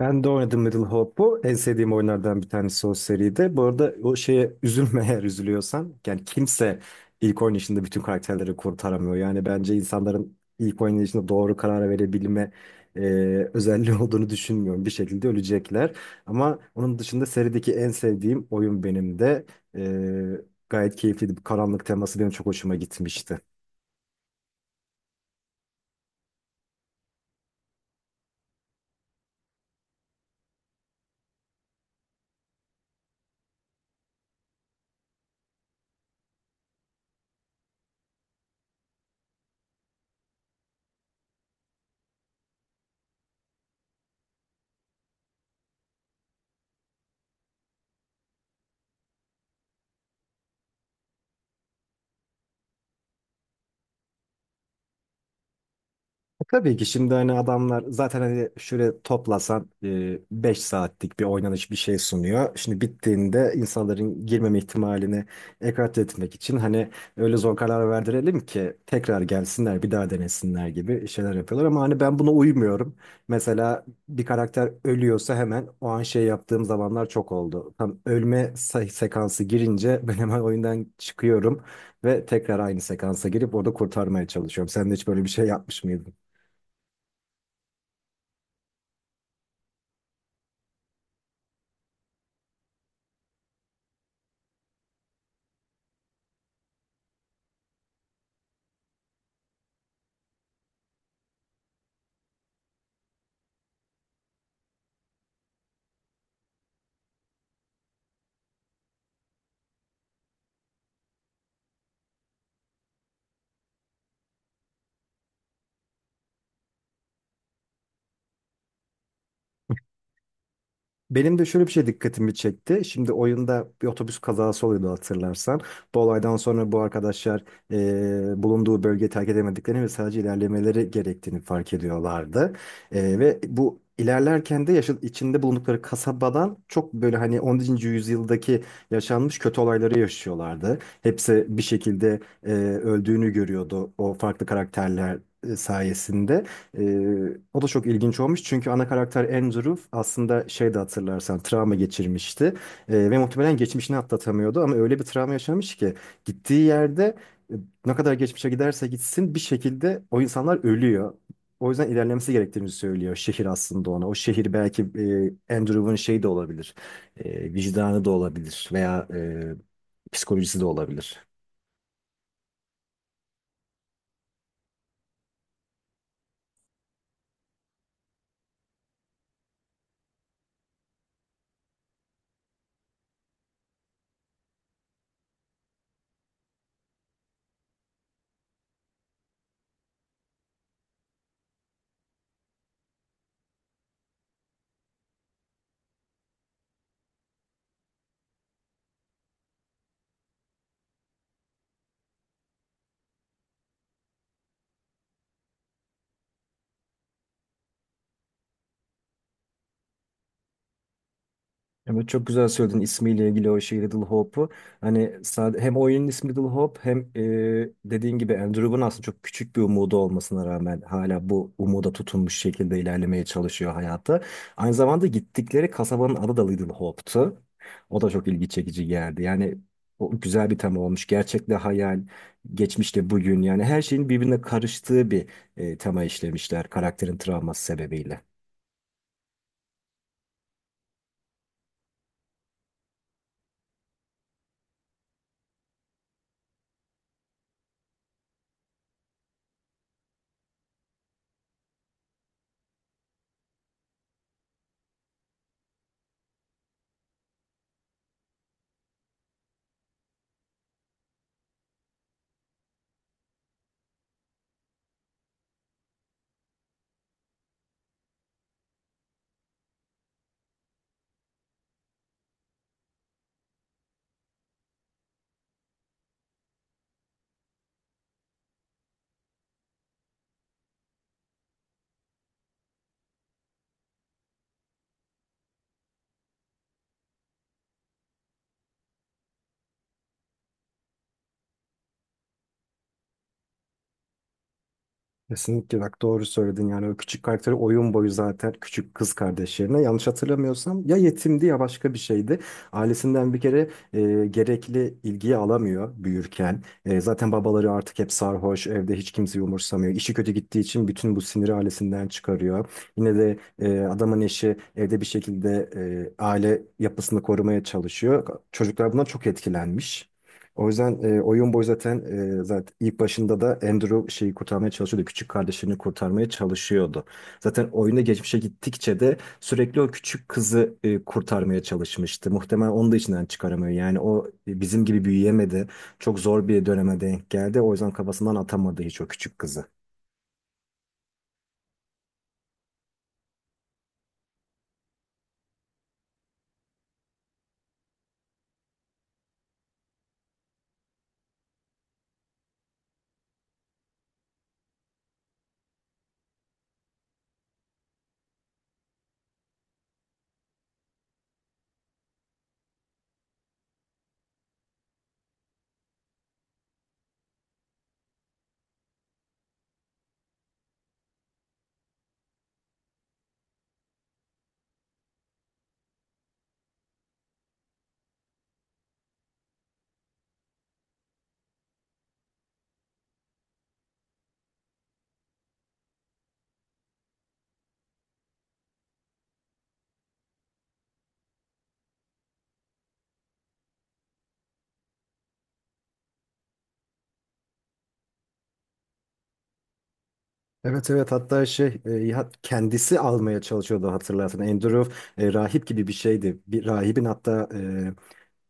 Ben de oynadım Middle Hope'u. En sevdiğim oyunlardan bir tanesi o seride. Bu arada o şeye üzülme eğer üzülüyorsan. Yani kimse ilk oynayışında bütün karakterleri kurtaramıyor. Yani bence insanların ilk oynayışında doğru karar verebilme e, özelliği olduğunu düşünmüyorum. Bir şekilde ölecekler. Ama onun dışında serideki en sevdiğim oyun benim de. E, Gayet keyifliydi. Bu karanlık teması benim çok hoşuma gitmişti. Tabii ki şimdi hani adamlar zaten hani şöyle toplasan 5 saatlik bir oynanış bir şey sunuyor. Şimdi bittiğinde insanların girmeme ihtimalini ekarte etmek için hani öyle zor karar verdirelim ki tekrar gelsinler bir daha denesinler gibi şeyler yapıyorlar. Ama hani ben buna uymuyorum. Mesela bir karakter ölüyorsa hemen o an şey yaptığım zamanlar çok oldu. Tam ölme sekansı girince ben hemen oyundan çıkıyorum ve tekrar aynı sekansa girip orada kurtarmaya çalışıyorum. Sen de hiç böyle bir şey yapmış mıydın? Benim de şöyle bir şey dikkatimi çekti. Şimdi oyunda bir otobüs kazası oluyordu hatırlarsan. Bu olaydan sonra bu arkadaşlar bulunduğu bölgeyi terk edemediklerini ve sadece ilerlemeleri gerektiğini fark ediyorlardı. Ve bu ilerlerken de içinde bulundukları kasabadan çok böyle hani 10. yüzyıldaki yaşanmış kötü olayları yaşıyorlardı. Hepsi bir şekilde öldüğünü görüyordu o farklı karakterler sayesinde. ee, O da çok ilginç olmuş, çünkü ana karakter Andrew aslında şey de hatırlarsan travma geçirmişti. Ve muhtemelen geçmişini atlatamıyordu ama öyle bir travma yaşamış ki gittiği yerde e, ne kadar geçmişe giderse gitsin bir şekilde o insanlar ölüyor. O yüzden ilerlemesi gerektiğini söylüyor şehir aslında ona. O şehir belki Andrew'un şeyi de olabilir, vicdanı da olabilir veya psikolojisi de olabilir. Evet, çok güzel söyledin ismiyle ilgili o şey Little Hope'u. Hani sade, hem oyunun ismi Little Hope hem dediğin gibi Andrew'un aslında çok küçük bir umudu olmasına rağmen hala bu umuda tutunmuş şekilde ilerlemeye çalışıyor hayatta. Aynı zamanda gittikleri kasabanın adı da Little Hope'tu. O da çok ilgi çekici geldi. Yani o güzel bir tema olmuş. Gerçekle hayal, geçmişle bugün, yani her şeyin birbirine karıştığı bir tema işlemişler karakterin travması sebebiyle. Kesinlikle, bak doğru söyledin. Yani o küçük karakteri oyun boyu zaten küçük kız kardeş yerine, yanlış hatırlamıyorsam, ya yetimdi ya başka bir şeydi. Ailesinden bir kere gerekli ilgiyi alamıyor büyürken. Zaten babaları artık hep sarhoş evde, hiç kimseyi umursamıyor. İşi kötü gittiği için bütün bu siniri ailesinden çıkarıyor. Yine de adamın eşi evde bir şekilde aile yapısını korumaya çalışıyor. Çocuklar bundan çok etkilenmiş. O yüzden oyun boyu zaten, zaten ilk başında da Andrew şeyi kurtarmaya çalışıyordu. Küçük kardeşini kurtarmaya çalışıyordu. Zaten oyunda geçmişe gittikçe de sürekli o küçük kızı kurtarmaya çalışmıştı. Muhtemelen onu da içinden çıkaramıyor. Yani o bizim gibi büyüyemedi. Çok zor bir döneme denk geldi. O yüzden kafasından atamadı hiç o küçük kızı. Evet, evet, hatta şey kendisi almaya çalışıyordu hatırlarsan. Andrew rahip gibi bir şeydi. Bir rahibin hatta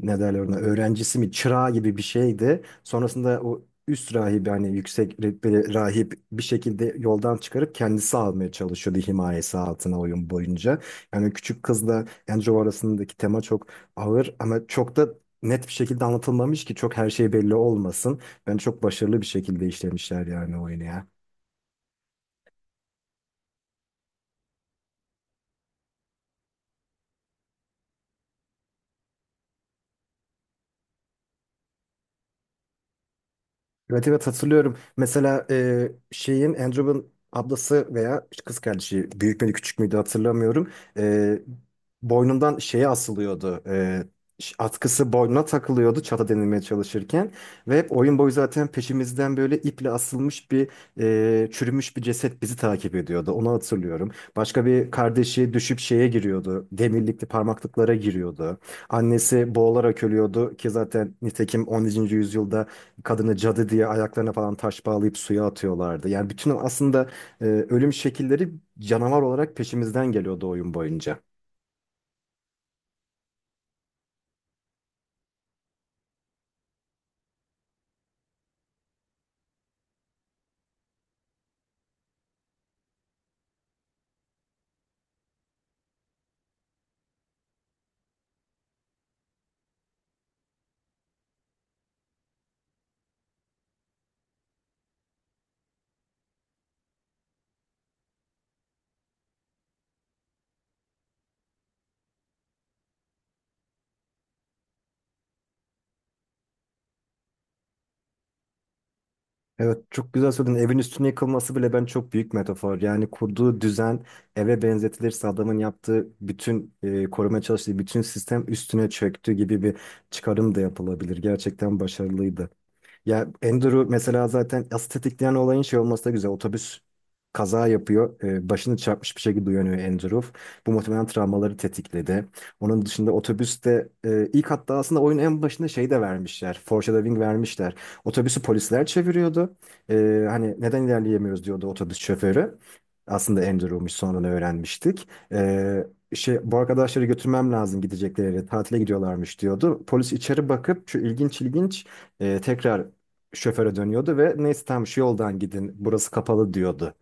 ne derler, ona öğrencisi mi, çırağı gibi bir şeydi. Sonrasında o üst rahibi hani yüksek rütbeli rahip bir şekilde yoldan çıkarıp kendisi almaya çalışıyordu himayesi altına oyun boyunca. Yani küçük kızla Andrew arasındaki tema çok ağır ama çok da net bir şekilde anlatılmamış ki çok her şey belli olmasın. Ben çok başarılı bir şekilde işlemişler yani oyunu ya. Evet, evet, hatırlıyorum. Mesela şeyin, Andrew'un ablası veya kız kardeşi büyük müydü küçük müydü hatırlamıyorum. E, Boynundan şeye asılıyordu. Atkısı boynuna takılıyordu çata denilmeye çalışırken. Ve hep oyun boyu zaten peşimizden böyle iple asılmış bir çürümüş bir ceset bizi takip ediyordu. Onu hatırlıyorum. Başka bir kardeşi düşüp şeye giriyordu. Demirlikli parmaklıklara giriyordu. Annesi boğularak ölüyordu ki zaten nitekim 11. yüzyılda kadını cadı diye ayaklarına falan taş bağlayıp suya atıyorlardı. Yani bütün aslında ölüm şekilleri canavar olarak peşimizden geliyordu oyun boyunca. Evet, çok güzel söyledin. Evin üstüne yıkılması bile ben çok büyük metafor. Yani kurduğu düzen eve benzetilirse, adamın yaptığı bütün, korumaya çalıştığı bütün sistem üstüne çöktü gibi bir çıkarım da yapılabilir. Gerçekten başarılıydı. Ya Andrew mesela, zaten asıl tetikleyen olayın şey olması da güzel. Otobüs kaza yapıyor. Başını çarpmış bir şekilde uyanıyor Andrew. Bu muhtemelen travmaları tetikledi. Onun dışında otobüste ilk, hatta aslında oyunun en başında şey de vermişler. Foreshadowing vermişler. Otobüsü polisler çeviriyordu. Hani neden ilerleyemiyoruz diyordu otobüs şoförü. Aslında Andrew'muş sonradan öğrenmiştik. Şey, bu arkadaşları götürmem lazım gidecekleri yere, tatile gidiyorlarmış diyordu. Polis içeri bakıp şu ilginç ilginç tekrar şoföre dönüyordu ve neyse, tamam şu yoldan gidin, burası kapalı diyordu.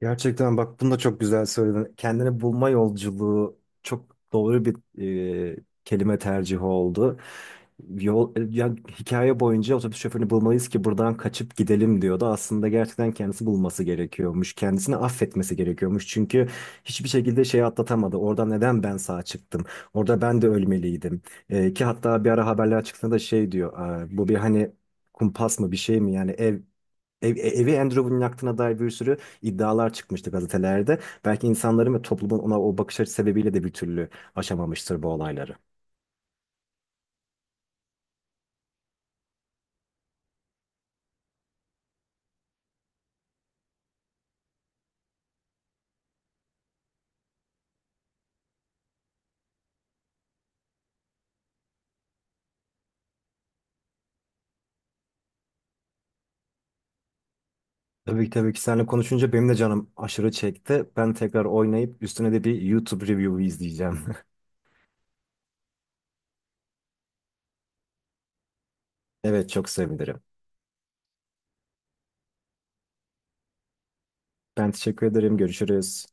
Gerçekten bak bunu da çok güzel söyledin. Kendini bulma yolculuğu çok doğru bir e, kelime tercihi oldu. Ya, hikaye boyunca otobüs şoförünü bulmalıyız ki buradan kaçıp gidelim diyordu. Aslında gerçekten kendisi bulması gerekiyormuş. Kendisini affetmesi gerekiyormuş. Çünkü hiçbir şekilde şeyi atlatamadı. Orada neden ben sağ çıktım? Orada ben de ölmeliydim. Ki hatta bir ara haberler çıktığında da şey diyor: "Aa, bu bir hani kumpas mı, bir şey mi? Yani evi Andrew Wood'un yaktığına dair bir sürü iddialar çıkmıştı gazetelerde." Belki insanların ve toplumun ona o bakış açısı sebebiyle de bir türlü aşamamıştır bu olayları. Tabii ki, tabii ki, seninle konuşunca benim de canım aşırı çekti. Ben tekrar oynayıp üstüne de bir YouTube review izleyeceğim. Evet, çok sevinirim. Ben teşekkür ederim. Görüşürüz.